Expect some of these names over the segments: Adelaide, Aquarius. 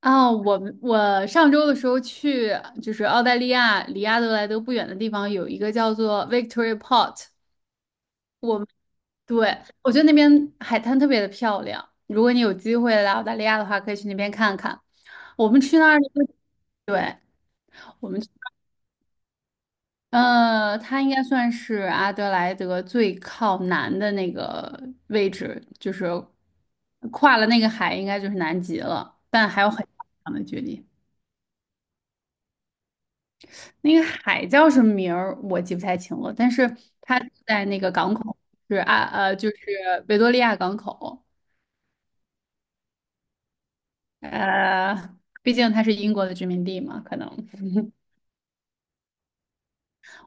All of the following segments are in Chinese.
啊，我上周的时候去，就是澳大利亚离阿德莱德不远的地方，有一个叫做 Victory Port。我们对，我觉得那边海滩特别的漂亮，如果你有机会来澳大利亚的话，可以去那边看看。我们去那儿的时候，对，我们去，呃，它应该算是阿德莱德最靠南的那个位置，就是跨了那个海，应该就是南极了，但还有很长的距离。那个海叫什么名儿我记不太清了，但是它在那个港口，是啊就是维多利亚港口。呃，毕竟它是英国的殖民地嘛，可能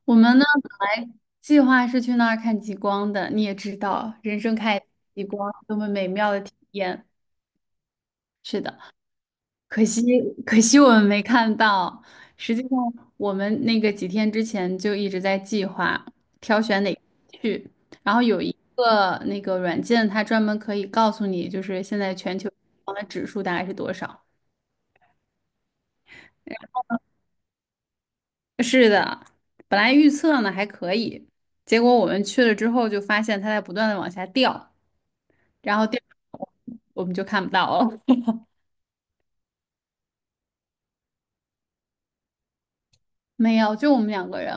我们呢本来计划是去那儿看极光的，你也知道，人生看一次极光多么美妙的体验。是的。可惜，可惜，我们没看到。实际上，我们那个几天之前就一直在计划挑选哪个去，然后有一个那个软件，它专门可以告诉你，就是现在全球的指数大概是多少。是的，本来预测呢还可以，结果我们去了之后就发现它在不断的往下掉，然后掉，我们就看不到了。没有，就我们两个人，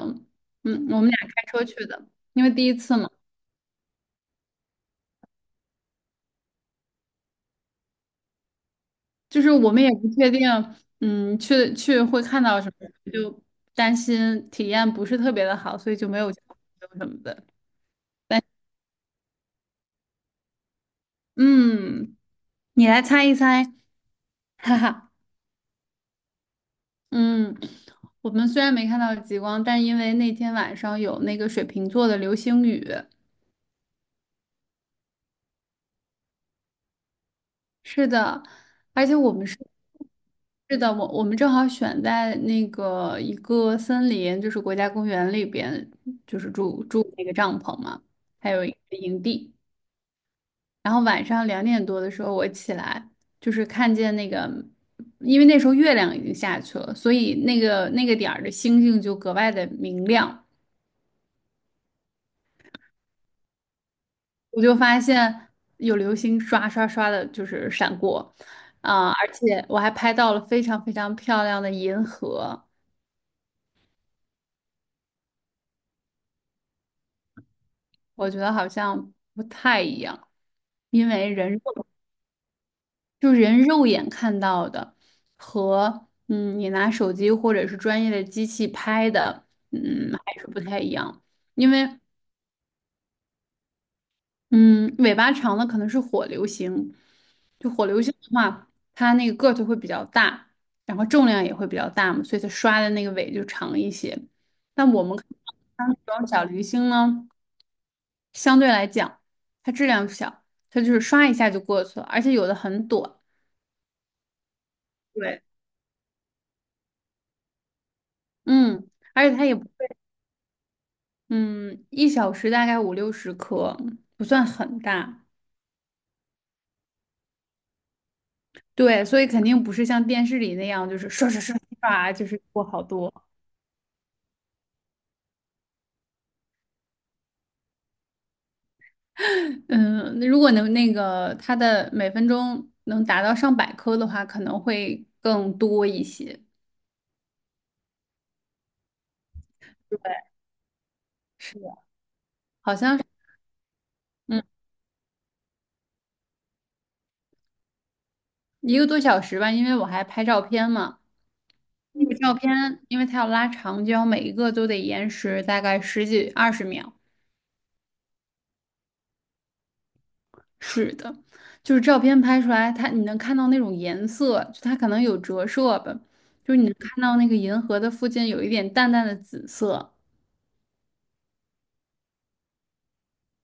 我们俩开车去的，因为第一次嘛。就是我们也不确定，去会看到什么，就担心体验不是特别的好，所以就没有交流什么的。嗯，你来猜一猜。哈哈。嗯，我们虽然没看到极光，但因为那天晚上有那个水瓶座的流星雨。是的，而且我们是。是的，我们正好选在那个一个森林，就是国家公园里边，就是住住那个帐篷嘛，还有一个营地。然后晚上2点多的时候我起来，就是看见那个，因为那时候月亮已经下去了，所以那个点儿的星星就格外的明亮。我就发现有流星刷刷刷的，就是闪过，啊、而且我还拍到了非常非常漂亮的银河。我觉得好像不太一样，因为人肉眼看到的和你拿手机或者是专业的机器拍的，还是不太一样。因为嗯，尾巴长的可能是火流星，就火流星的话，它那个个头会比较大，然后重量也会比较大嘛，所以它刷的那个尾就长一些。但我们看到像那种小流星呢，相对来讲，它质量小，它就是刷一下就过去了，而且有的很短。对，嗯，而且它也不。嗯，1小时大概五六十颗，不算很大。对，所以肯定不是像电视里那样，就是刷刷刷刷，就是过好多。嗯，那如果能那个它的每分钟能达到上百颗的话，可能会更多一些。对，是的，好像是嗯一个多小时吧，因为我还拍照片嘛。那个照片，因为它要拉长，焦，每一个都得延时大概十几二十秒。是的，就是照片拍出来，它你能看到那种颜色，就它可能有折射吧，就是你能看到那个银河的附近有一点淡淡的紫色。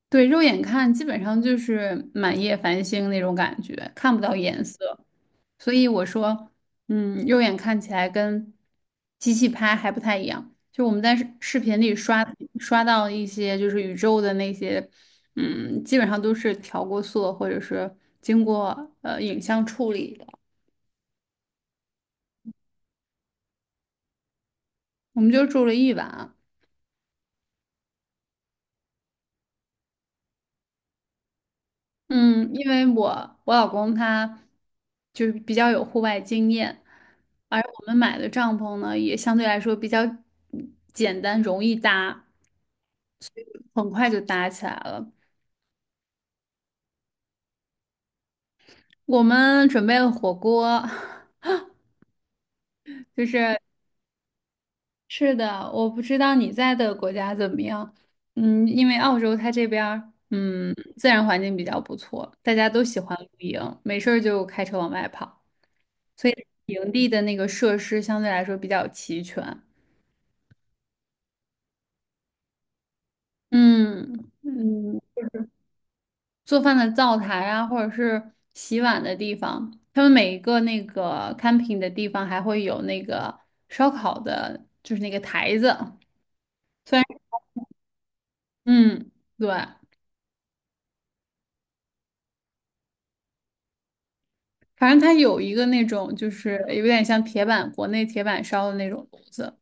对，肉眼看基本上就是满夜繁星那种感觉，看不到颜色。所以我说，肉眼看起来跟机器拍还不太一样。就我们在视频里刷到一些就是宇宙的那些，基本上都是调过色或者是经过影像处理的。我们就住了一晚。嗯，因为我老公他就是比较有户外经验，而我们买的帐篷呢也相对来说比较简单，容易搭，很快就搭起来了。我们准备了火锅。就是是的，我不知道你在的国家怎么样。因为澳洲它这边儿自然环境比较不错，大家都喜欢露营，没事儿就开车往外跑。所以营地的那个设施相对来说比较齐全。嗯嗯，做饭的灶台啊，或者是洗碗的地方，他们每一个那个 camping 的地方还会有那个烧烤的，就是那个台子。虽然嗯，对，反正它有一个那种就是有点像铁板，国内铁板烧的那种炉子。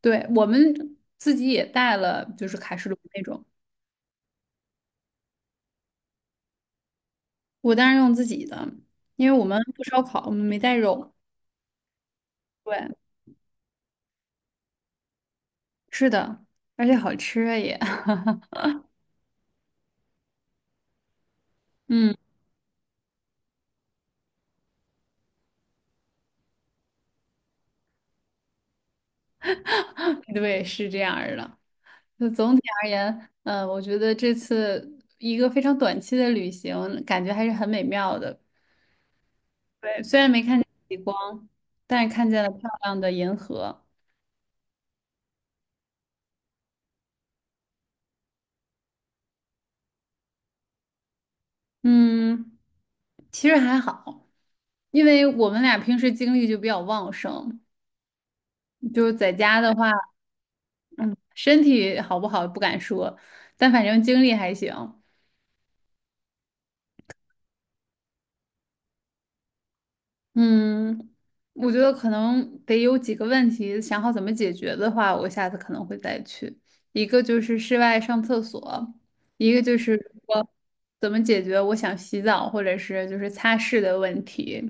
对，我们自己也带了，就是卡式炉那种。我当然用自己的，因为我们不烧烤，我们没带肉。对。是的，而且好吃啊也。嗯。对，是这样儿的。就总体而言，我觉得这次一个非常短期的旅行，感觉还是很美妙的。对，虽然没看见极光，但是看见了漂亮的银河。嗯，其实还好，因为我们俩平时精力就比较旺盛，就是在家的话，嗯，身体好不好不敢说，但反正精力还行。嗯，我觉得可能得有几个问题，想好怎么解决的话，我下次可能会再去。一个就是室外上厕所，一个就是说怎么解决我想洗澡或者是就是擦拭的问题。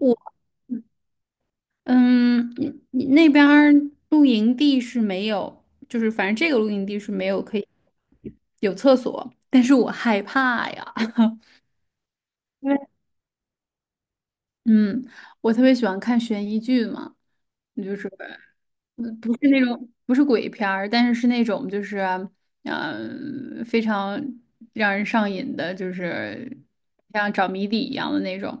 我嗯，你那边儿露营地是没有，就是反正这个露营地是没有可以有厕所，但是我害怕呀。因为嗯，我特别喜欢看悬疑剧嘛，你就是。不是那种不是鬼片儿，但是是那种就是非常让人上瘾的，就是像找谜底一样的那种。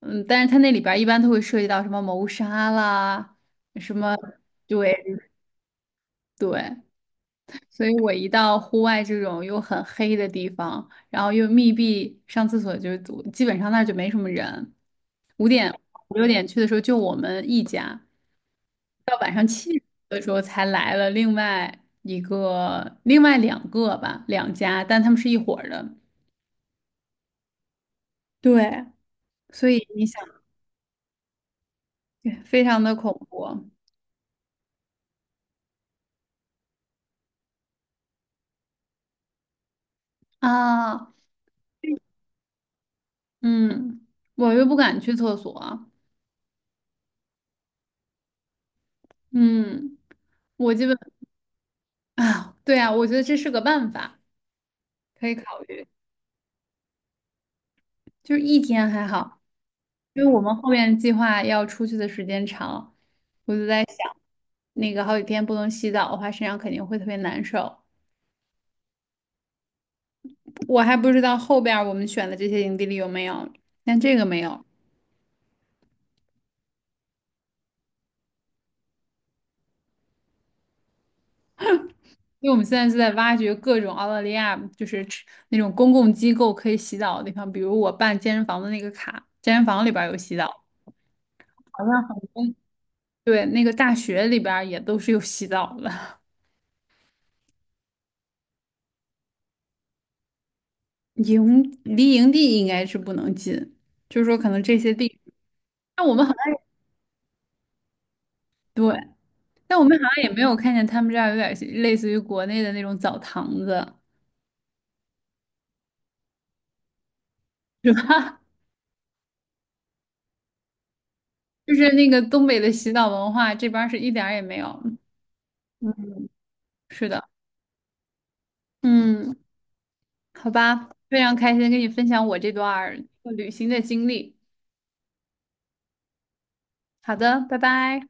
嗯，但是它那里边儿一般都会涉及到什么谋杀啦，什么对对，所以我一到户外这种又很黑的地方，然后又密闭，上厕所就是基本上那儿就没什么人。五点五六点去的时候就我们一家。到晚上7点的时候才来了另外一个、另外两个吧，两家，但他们是一伙儿的。对，所以你想，对非常的恐怖啊。嗯，我又不敢去厕所。嗯，我基本啊，对啊，我觉得这是个办法，可以考虑。就是一天还好，因为我们后面计划要出去的时间长，那个好几天不能洗澡的话，身上肯定会特别难受。我还不知道后边儿我们选的这些营地里有没有，但这个没有，因为我们现在是在挖掘各种澳大利亚就是吃那种公共机构可以洗澡的地方，比如我办健身房的那个卡，健身房里边儿有洗澡，好像很多，对，那个大学里边儿也都是有洗澡的。离营地应该是不能近，就是说可能这些地，但我们好像对，但我们好像也没有看见他们这儿有点类似于国内的那种澡堂子，是吧？就是那个东北的洗澡文化，这边儿是一点儿也没有。嗯，是的，嗯，好吧，非常开心跟你分享我这段儿旅行的经历。好的，拜拜。